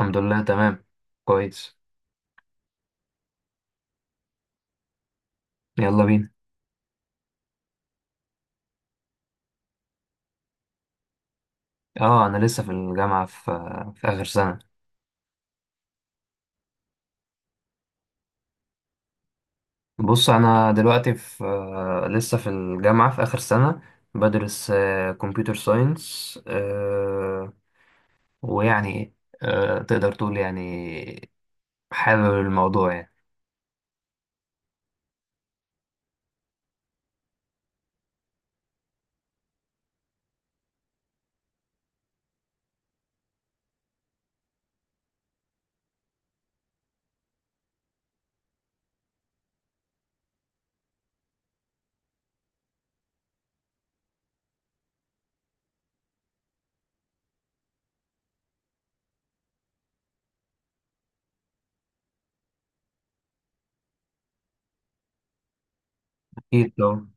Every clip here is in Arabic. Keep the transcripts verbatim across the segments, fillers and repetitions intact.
الحمد لله، تمام، كويس. يلا بينا. اه، انا لسه في الجامعه في في اخر سنه. بص انا دلوقتي في آه، لسه في الجامعه في اخر سنه. بدرس كمبيوتر ساينس. ويعني آه، تقدر تقول يعني حابب الموضوع يعني. اكيد طبعا.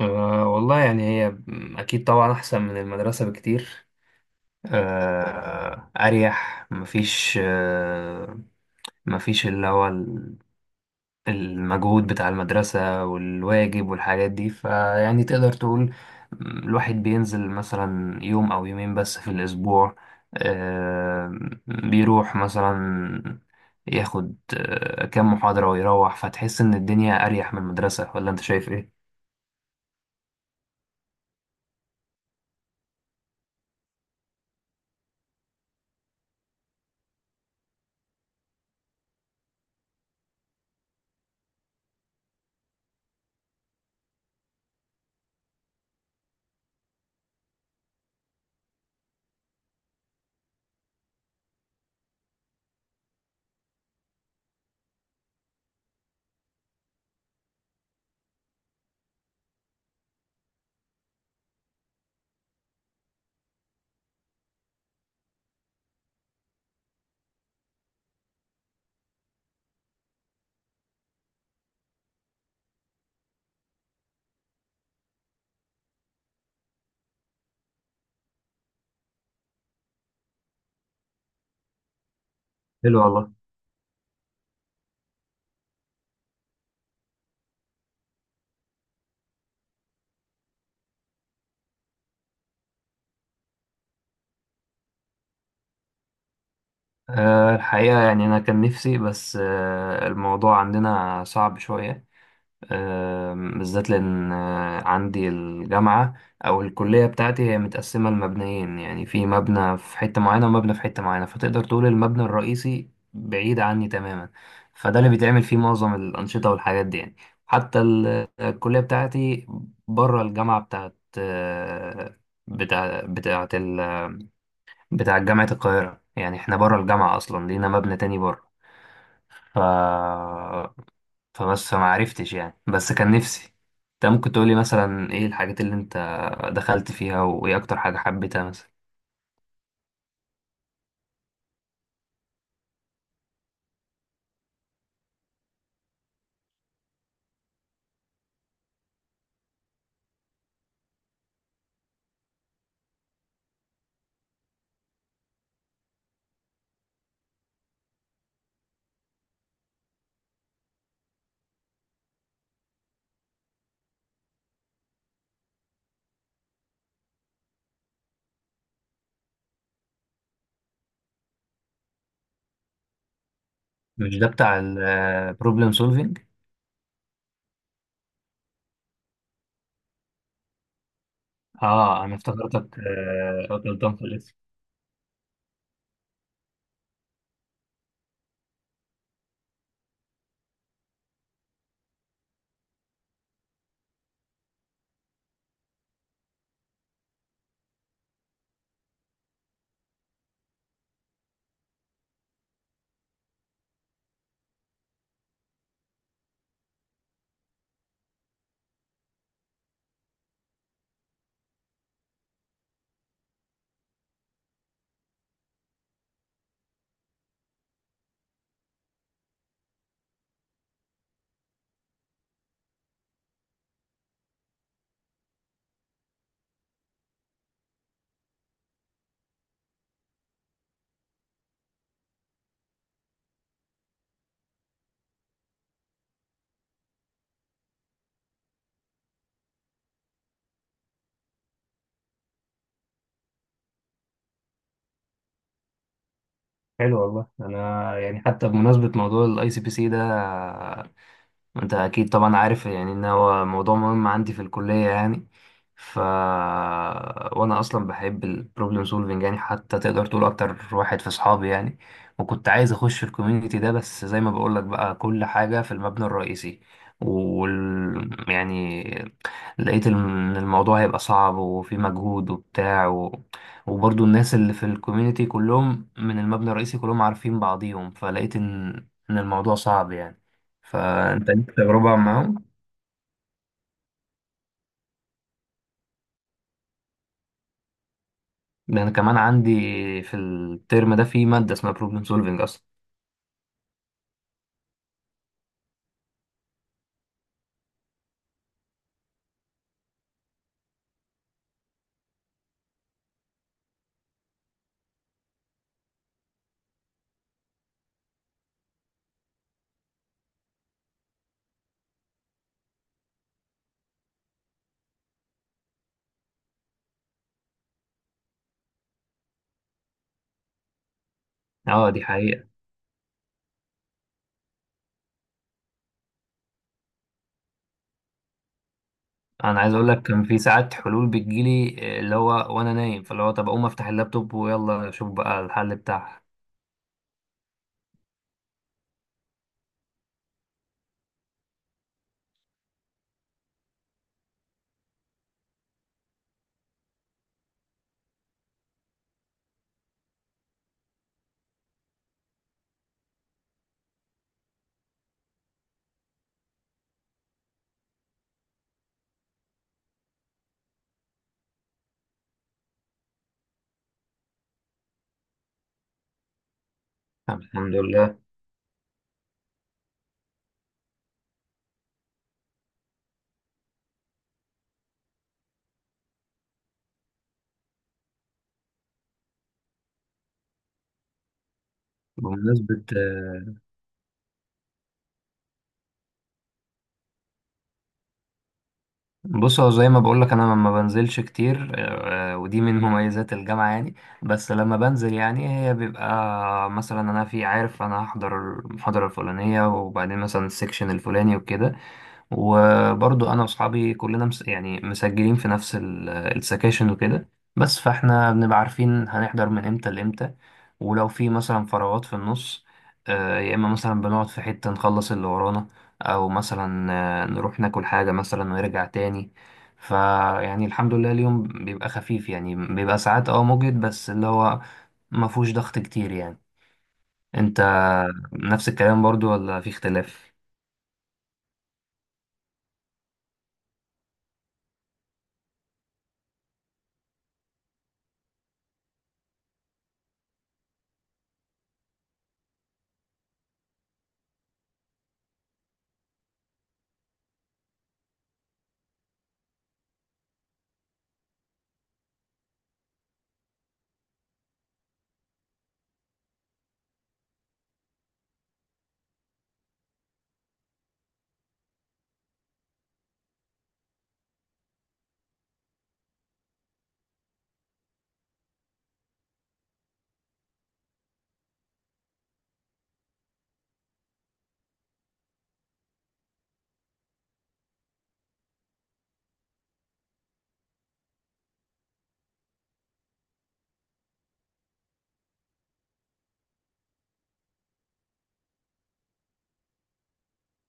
آه، والله يعني هي اكيد طبعا احسن من المدرسه بكتير. آه، اريح، مفيش آه، مفيش اللي هو المجهود بتاع المدرسة والواجب والحاجات دي. فيعني تقدر تقول م، الواحد بينزل مثلا يوم أو يومين بس في الأسبوع. آه، بيروح مثلا ياخد آه، كام محاضرة ويروح، فتحس إن الدنيا أريح من المدرسة. ولا أنت شايف إيه؟ حلو والله. آه، الحقيقة يعني أنا كان نفسي، بس آه، الموضوع عندنا صعب شوية. آم، بالذات لأن آه، عندي الجامعة أو الكلية بتاعتي هي متقسمة لمبنيين. يعني في مبنى في حتة معينة ومبنى في حتة معينة، فتقدر تقول المبنى الرئيسي بعيد عني تماما. فده اللي بيتعمل فيه معظم الأنشطة والحاجات دي يعني. حتى ال- الكلية بتاعتي بره الجامعة، بتاعت آه، بتاع بتاعت ال بتاع جامعة القاهرة. يعني احنا بره الجامعة أصلا، لينا مبنى تاني بره. ف فبس ما عرفتش يعني، بس كان نفسي. انت ممكن تقولي مثلا ايه الحاجات اللي انت دخلت فيها وايه اكتر حاجة حبيتها مثلا؟ مش ده بتاع البروبلم سولفينج؟ اه، انا افتكرتك آه، غلطان في الاسم. حلو والله. انا يعني حتى بمناسبة موضوع الاي سي بي سي ده، انت اكيد طبعا عارف يعني ان هو موضوع مهم عندي في الكلية يعني. ف وانا اصلا بحب البروبلم سولفنج يعني، حتى تقدر تقول اكتر واحد في اصحابي يعني. وكنت عايز اخش في الكوميونتي ده، بس زي ما بقول لك بقى، كل حاجة في المبنى الرئيسي. وال... يعني لقيت ان الموضوع هيبقى صعب وفي مجهود وبتاع و... وبرضو الناس اللي في الكوميونتي كلهم من المبنى الرئيسي، كلهم عارفين بعضيهم، فلقيت ان ان الموضوع صعب يعني. فانت ليك تجربه معاهم. ده انا كمان عندي في الترم ده في ماده اسمها بروبلم سولفنج اصلا. اه دي حقيقه. انا عايز اقول لك كان في ساعات حلول بتجيلي آه، اللي هو وانا نايم، فاللي هو طب اقوم افتح اللابتوب ويلا اشوف بقى الحل بتاعها. الحمد لله. بمناسبة آه، بص، هو زي ما بقول لك انا ما بنزلش كتير. آه، ودي من مميزات الجامعة يعني. بس لما بنزل يعني، هي بيبقى مثلا انا في عارف انا هحضر المحاضرة الفلانية، وبعدين مثلا السكشن الفلاني وكده. وبرضو انا واصحابي كلنا مس يعني مسجلين في نفس ال- السكاشن وكده. بس فاحنا بنبقى عارفين هنحضر من امتى لامتى. ولو في مثلا فراغات في النص، آه، يا اما مثلا بنقعد في حتة نخلص اللي ورانا، او مثلا آه، نروح ناكل حاجة مثلا ونرجع تاني. فيعني الحمد لله اليوم بيبقى خفيف يعني، بيبقى ساعات اه مجهد بس اللي هو ما فيهوش ضغط كتير يعني. انت نفس الكلام برضو ولا في اختلاف؟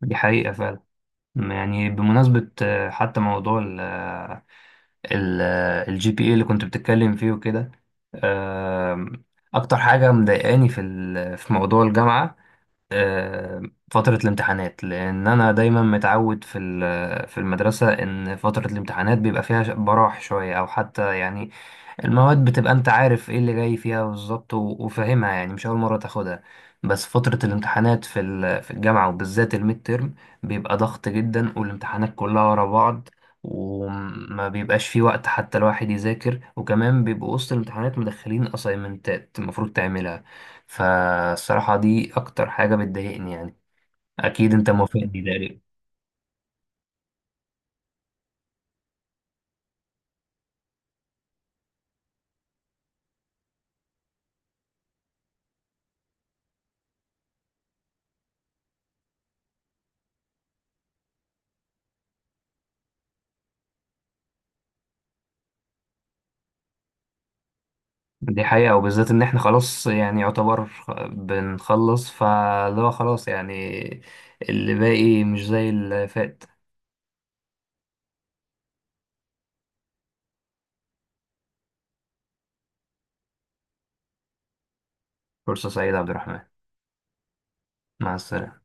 دي حقيقة. يعني بمناسبة آه، حتى موضوع ال آه، ال الجي بي اي اللي كنت بتتكلم فيه وكده، آم، أكتر حاجة مضايقاني في ال- في موضوع الجامعة آم، فترة الامتحانات. لأن أنا دايما متعود في ال- آه، في المدرسة إن فترة الامتحانات بيبقى فيها براح شوية، أو حتى يعني المواد بتبقى انت عارف ايه اللي جاي فيها بالظبط و- وفاهمها يعني مش اول مرة تاخدها. بس فترة الامتحانات في ال- في الجامعة وبالذات الميد تيرم، بيبقى ضغط جدا والامتحانات كلها ورا بعض، وما بيبقاش في وقت حتى الواحد يذاكر، وكمان بيبقوا وسط الامتحانات مدخلين اسايمنتات المفروض تعملها. فالصراحة دي اكتر حاجة بتضايقني يعني. اكيد انت موافقني. دي حقيقة، وبالذات إن إحنا خلاص يعني يعتبر خ- بنخلص، فاللي هو خلاص يعني، اللي باقي مش زي اللي فات. فرصة سعيدة يا عبد الرحمن. مع السلامة.